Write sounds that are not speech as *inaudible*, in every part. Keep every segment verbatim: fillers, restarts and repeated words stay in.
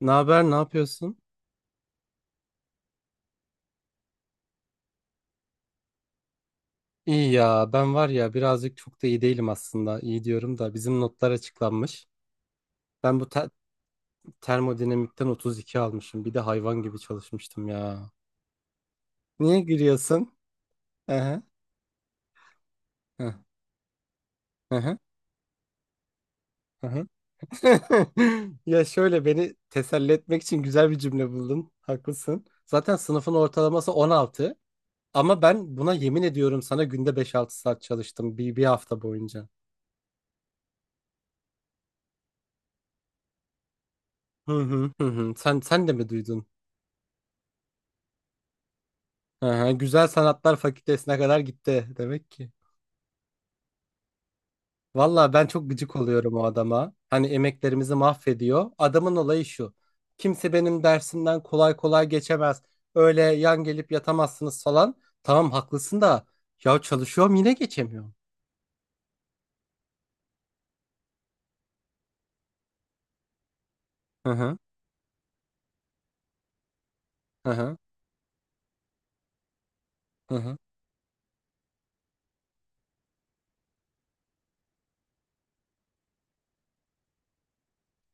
Ne haber, ne yapıyorsun? İyi ya, ben var ya birazcık çok da iyi değilim aslında. İyi diyorum da bizim notlar açıklanmış. Ben bu te- termodinamikten otuz iki almışım. Bir de hayvan gibi çalışmıştım ya. Niye gülüyorsun? Aha, aha, aha, aha. *laughs* Ya şöyle beni teselli etmek için güzel bir cümle buldun. Haklısın. Zaten sınıfın ortalaması on altı. Ama ben buna yemin ediyorum sana günde beş altı saat çalıştım bir, bir hafta boyunca. Hı hı hı hı. Sen sen de mi duydun? Aha, Güzel Sanatlar Fakültesine kadar gitti demek ki. Valla ben çok gıcık oluyorum o adama. Hani emeklerimizi mahvediyor. Adamın olayı şu. Kimse benim dersimden kolay kolay geçemez. Öyle yan gelip yatamazsınız falan. Tamam haklısın da. Ya çalışıyorum yine geçemiyorum. Hı hı. Hı hı. Hı hı.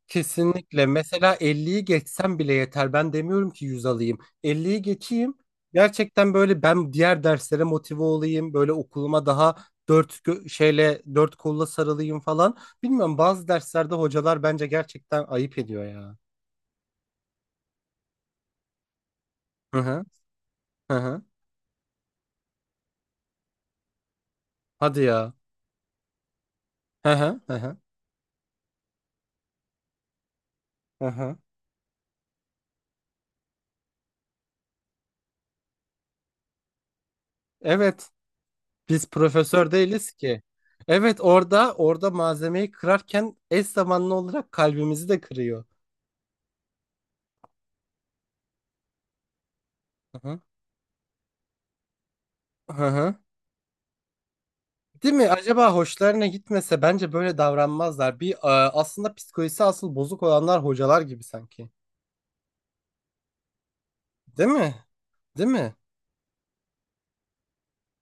Kesinlikle. Mesela elliyi geçsem bile yeter. Ben demiyorum ki yüz alayım. Elliyi geçeyim. Gerçekten böyle ben diğer derslere motive olayım. Böyle okuluma daha dört gö- şeyle dört kolla sarılayım falan. Bilmiyorum bazı derslerde hocalar bence gerçekten ayıp ediyor ya. Hı hı. Hı hı. Hadi ya. Hı hı. Hı hı. Hı hı. Evet. Biz profesör değiliz ki. Evet orada orada malzemeyi kırarken eş zamanlı olarak kalbimizi de kırıyor. Hı hı. Hı hı. Değil mi? Acaba hoşlarına gitmese bence böyle davranmazlar. Bir e, aslında psikolojisi asıl bozuk olanlar hocalar gibi sanki. Değil mi? Değil mi?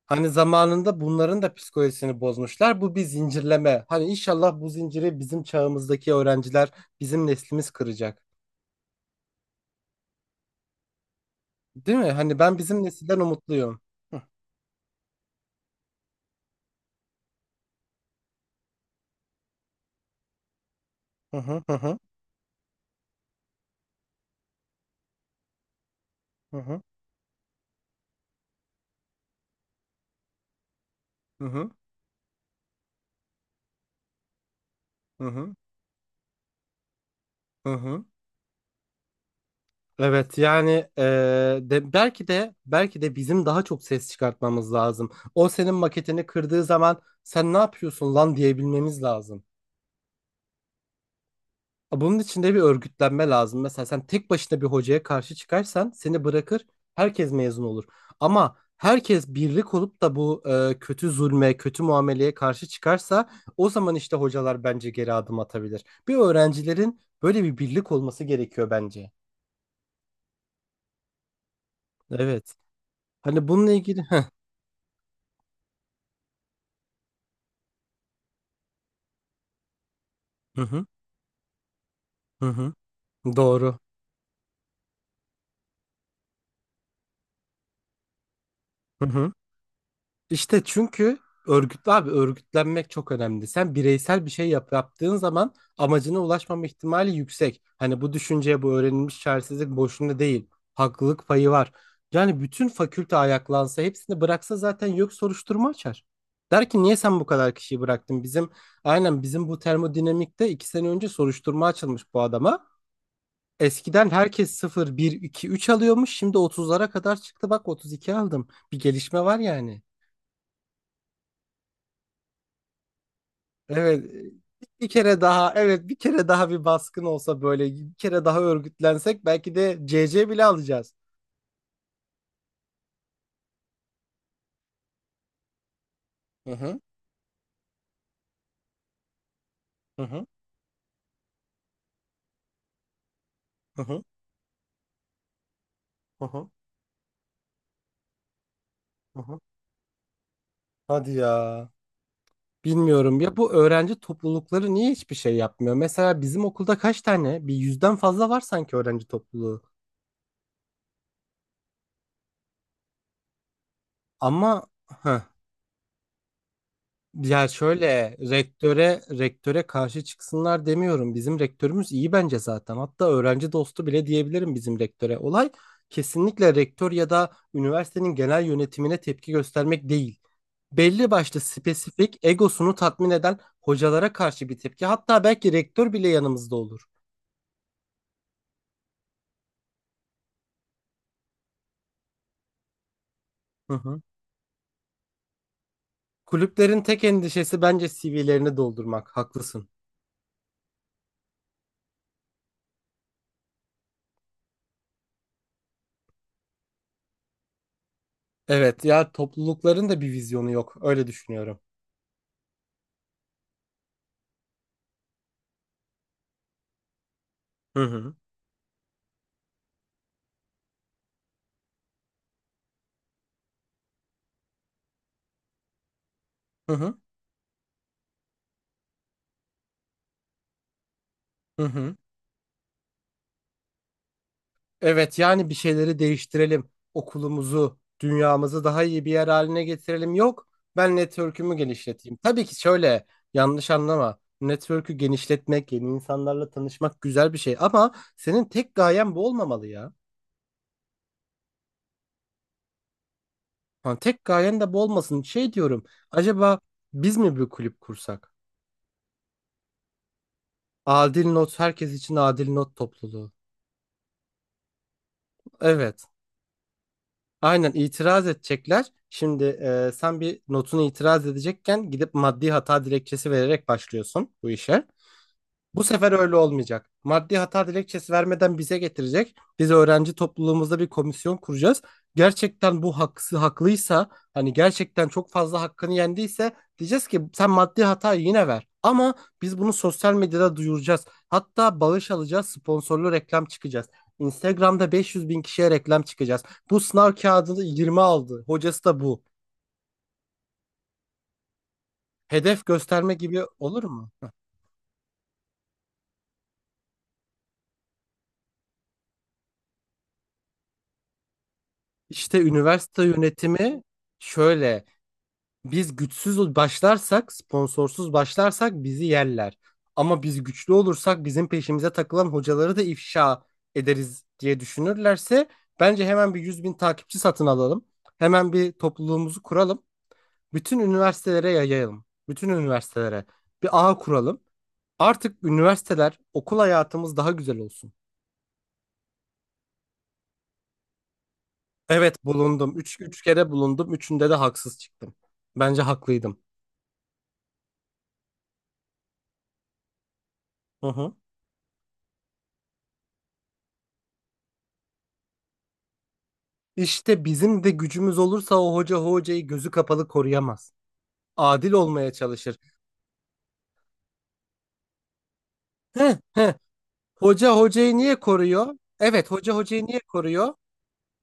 Hani zamanında bunların da psikolojisini bozmuşlar. Bu bir zincirleme. Hani inşallah bu zinciri bizim çağımızdaki öğrenciler, bizim neslimiz kıracak. Değil mi? Hani ben bizim nesilden umutluyum. Hı hı hı hı hı hı hı hı hı. Evet yani e, de, belki de belki de bizim daha çok ses çıkartmamız lazım. O senin maketini kırdığı zaman sen ne yapıyorsun lan diyebilmemiz lazım. Bunun için de bir örgütlenme lazım. Mesela sen tek başına bir hocaya karşı çıkarsan seni bırakır herkes mezun olur. Ama herkes birlik olup da bu e, kötü zulme, kötü muameleye karşı çıkarsa o zaman işte hocalar bence geri adım atabilir. Bir öğrencilerin böyle bir birlik olması gerekiyor bence. Evet. Hani bununla ilgili... Heh. Hı hı. Hı hı. Doğru. Hı hı. İşte çünkü örgütlü abi örgütlenmek çok önemli. Sen bireysel bir şey yap, yaptığın zaman amacına ulaşmama ihtimali yüksek. Hani bu düşünceye bu öğrenilmiş çaresizlik boşuna değil. Haklılık payı var. Yani bütün fakülte ayaklansa hepsini bıraksa zaten yok soruşturma açar. Der ki niye sen bu kadar kişiyi bıraktın? Bizim aynen bizim bu termodinamikte iki sene önce soruşturma açılmış bu adama. Eskiden herkes sıfır, bir, iki, üç alıyormuş. Şimdi otuzlara kadar çıktı. Bak otuz iki aldım. Bir gelişme var yani. Evet. Bir kere daha, evet bir kere daha bir baskın olsa böyle bir kere daha örgütlensek belki de C C bile alacağız. Hı hı. Hı hı, hı hı, hı hı, hı hı. Hadi ya. Bilmiyorum ya bu öğrenci toplulukları niye hiçbir şey yapmıyor? Mesela bizim okulda kaç tane? Bir yüzden fazla var sanki öğrenci topluluğu. Ama heh. Ya şöyle rektöre rektöre karşı çıksınlar demiyorum. Bizim rektörümüz iyi bence zaten. Hatta öğrenci dostu bile diyebilirim bizim rektöre. Olay kesinlikle rektör ya da üniversitenin genel yönetimine tepki göstermek değil. Belli başlı spesifik egosunu tatmin eden hocalara karşı bir tepki. Hatta belki rektör bile yanımızda olur. Hı hı. Kulüplerin tek endişesi bence C V'lerini doldurmak. Haklısın. Evet ya toplulukların da bir vizyonu yok. Öyle düşünüyorum. Hı hı. Hı hı. Hı hı. Evet yani bir şeyleri değiştirelim. Okulumuzu, dünyamızı daha iyi bir yer haline getirelim. Yok ben network'ümü genişleteyim. Tabii ki şöyle yanlış anlama. Network'ü genişletmek, yeni insanlarla tanışmak güzel bir şey. Ama senin tek gayen bu olmamalı ya. Ha, tek gayen de bu olmasın. Şey diyorum acaba biz mi bir kulüp kursak? Adil Not herkes için adil not topluluğu. Evet. Aynen itiraz edecekler. Şimdi e, sen bir notunu itiraz edecekken gidip maddi hata dilekçesi vererek başlıyorsun bu işe. Bu sefer öyle olmayacak. Maddi hata dilekçesi vermeden bize getirecek. Biz öğrenci topluluğumuzda bir komisyon kuracağız. Gerçekten bu haksız haklıysa hani gerçekten çok fazla hakkını yendiyse diyeceğiz ki sen maddi hatayı yine ver. Ama biz bunu sosyal medyada duyuracağız. Hatta bağış alacağız, sponsorlu reklam çıkacağız. Instagram'da beş yüz bin kişiye reklam çıkacağız. Bu sınav kağıdını yirmi aldı. Hocası da bu. Hedef gösterme gibi olur mu? İşte üniversite yönetimi şöyle. Biz güçsüz başlarsak, sponsorsuz başlarsak bizi yerler. Ama biz güçlü olursak bizim peşimize takılan hocaları da ifşa ederiz diye düşünürlerse bence hemen bir yüz bin takipçi satın alalım. Hemen bir topluluğumuzu kuralım. Bütün üniversitelere yayalım, bütün üniversitelere bir ağ kuralım. Artık üniversiteler, okul hayatımız daha güzel olsun. Evet bulundum. Üç, üç kere bulundum. Üçünde de haksız çıktım. Bence haklıydım. Hı hı. İşte bizim de gücümüz olursa o hoca hocayı gözü kapalı koruyamaz. Adil olmaya çalışır. Heh, heh. Hoca hocayı niye koruyor? Evet, hoca hocayı niye koruyor?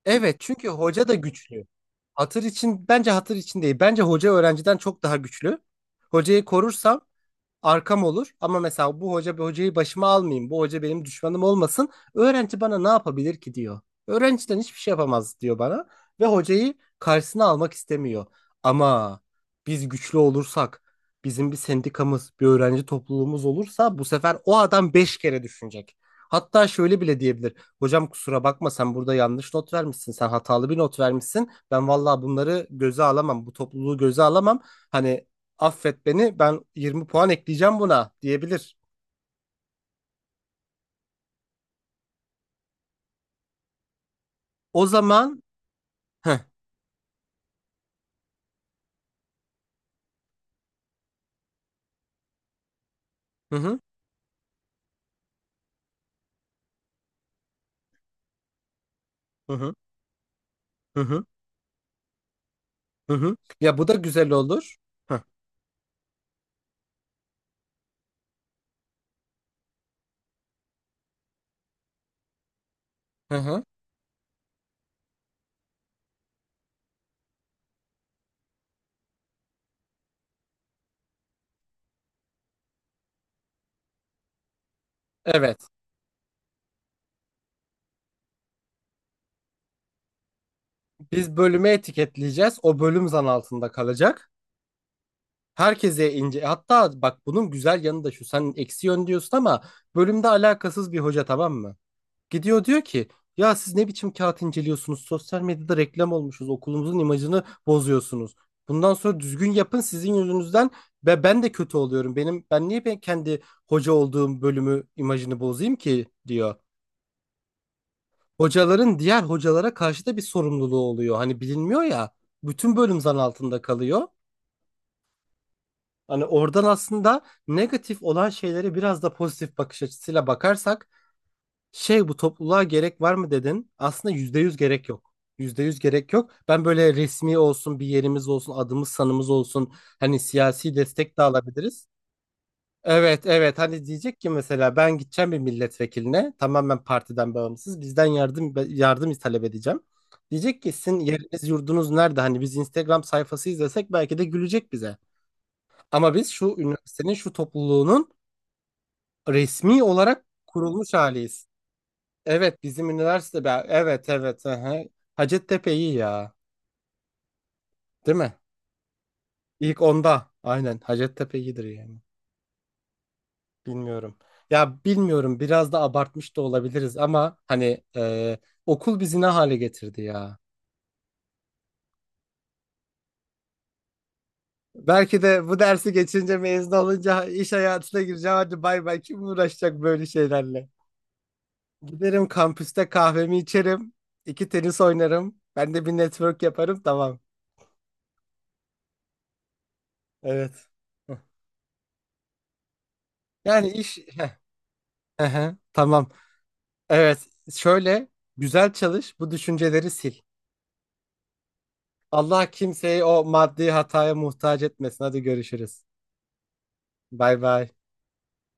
Evet, çünkü hoca da güçlü. Hatır için bence hatır için değil. Bence hoca öğrenciden çok daha güçlü. Hocayı korursam arkam olur ama mesela bu hoca bu hocayı başıma almayayım. Bu hoca benim düşmanım olmasın. Öğrenci bana ne yapabilir ki diyor. Öğrenciden hiçbir şey yapamaz diyor bana ve hocayı karşısına almak istemiyor. Ama biz güçlü olursak, bizim bir sendikamız, bir öğrenci topluluğumuz olursa bu sefer o adam beş kere düşünecek. Hatta şöyle bile diyebilir. Hocam kusura bakma sen burada yanlış not vermişsin. Sen hatalı bir not vermişsin. Ben vallahi bunları göze alamam. Bu topluluğu göze alamam. Hani affet beni ben yirmi puan ekleyeceğim buna diyebilir. O zaman Heh, hı hı hı hı hı hı hı hı. Ya bu da güzel olur. Heh, hı hı. Evet. Biz bölüme etiketleyeceğiz. O bölüm zan altında kalacak. Herkese ince hatta bak bunun güzel yanı da şu sen eksi yön diyorsun ama bölümde alakasız bir hoca tamam mı? Gidiyor diyor ki ya siz ne biçim kağıt inceliyorsunuz? Sosyal medyada reklam olmuşuz. Okulumuzun imajını bozuyorsunuz. Bundan sonra düzgün yapın sizin yüzünüzden ve ben de kötü oluyorum. Benim ben niye ben kendi hoca olduğum bölümü imajını bozayım ki diyor. Hocaların diğer hocalara karşı da bir sorumluluğu oluyor. Hani bilinmiyor ya. Bütün bölüm zan altında kalıyor. Hani oradan aslında negatif olan şeylere biraz da pozitif bakış açısıyla bakarsak şey bu topluluğa gerek var mı dedin. Aslında yüzde yüz gerek yok. Yüzde yüz gerek yok. Ben böyle resmi olsun, bir yerimiz olsun, adımız sanımız olsun. Hani siyasi destek de alabiliriz. Evet, evet. Hani diyecek ki mesela ben gideceğim bir milletvekiline tamamen partiden bağımsız bizden yardım yardım talep edeceğim. Diyecek ki sizin yeriniz yurdunuz nerede? Hani biz Instagram sayfası izlesek belki de gülecek bize. Ama biz şu üniversitenin şu topluluğunun resmi olarak kurulmuş haliyiz. Evet bizim üniversite be- evet evet aha. Hacettepe iyi ya, değil mi? ilk onda aynen Hacettepe iyidir yani bilmiyorum. Ya bilmiyorum biraz da abartmış da olabiliriz ama hani e, okul bizi ne hale getirdi ya. Belki de bu dersi geçince mezun olunca iş hayatına gireceğim hadi bay bay kim uğraşacak böyle şeylerle. Giderim kampüste kahvemi içerim iki tenis oynarım ben de bir network yaparım tamam evet. Heh. Yani iş Heh, aha, tamam. Evet, şöyle güzel çalış, bu düşünceleri sil. Allah kimseyi o maddi hataya muhtaç etmesin. Hadi görüşürüz. Bay bay.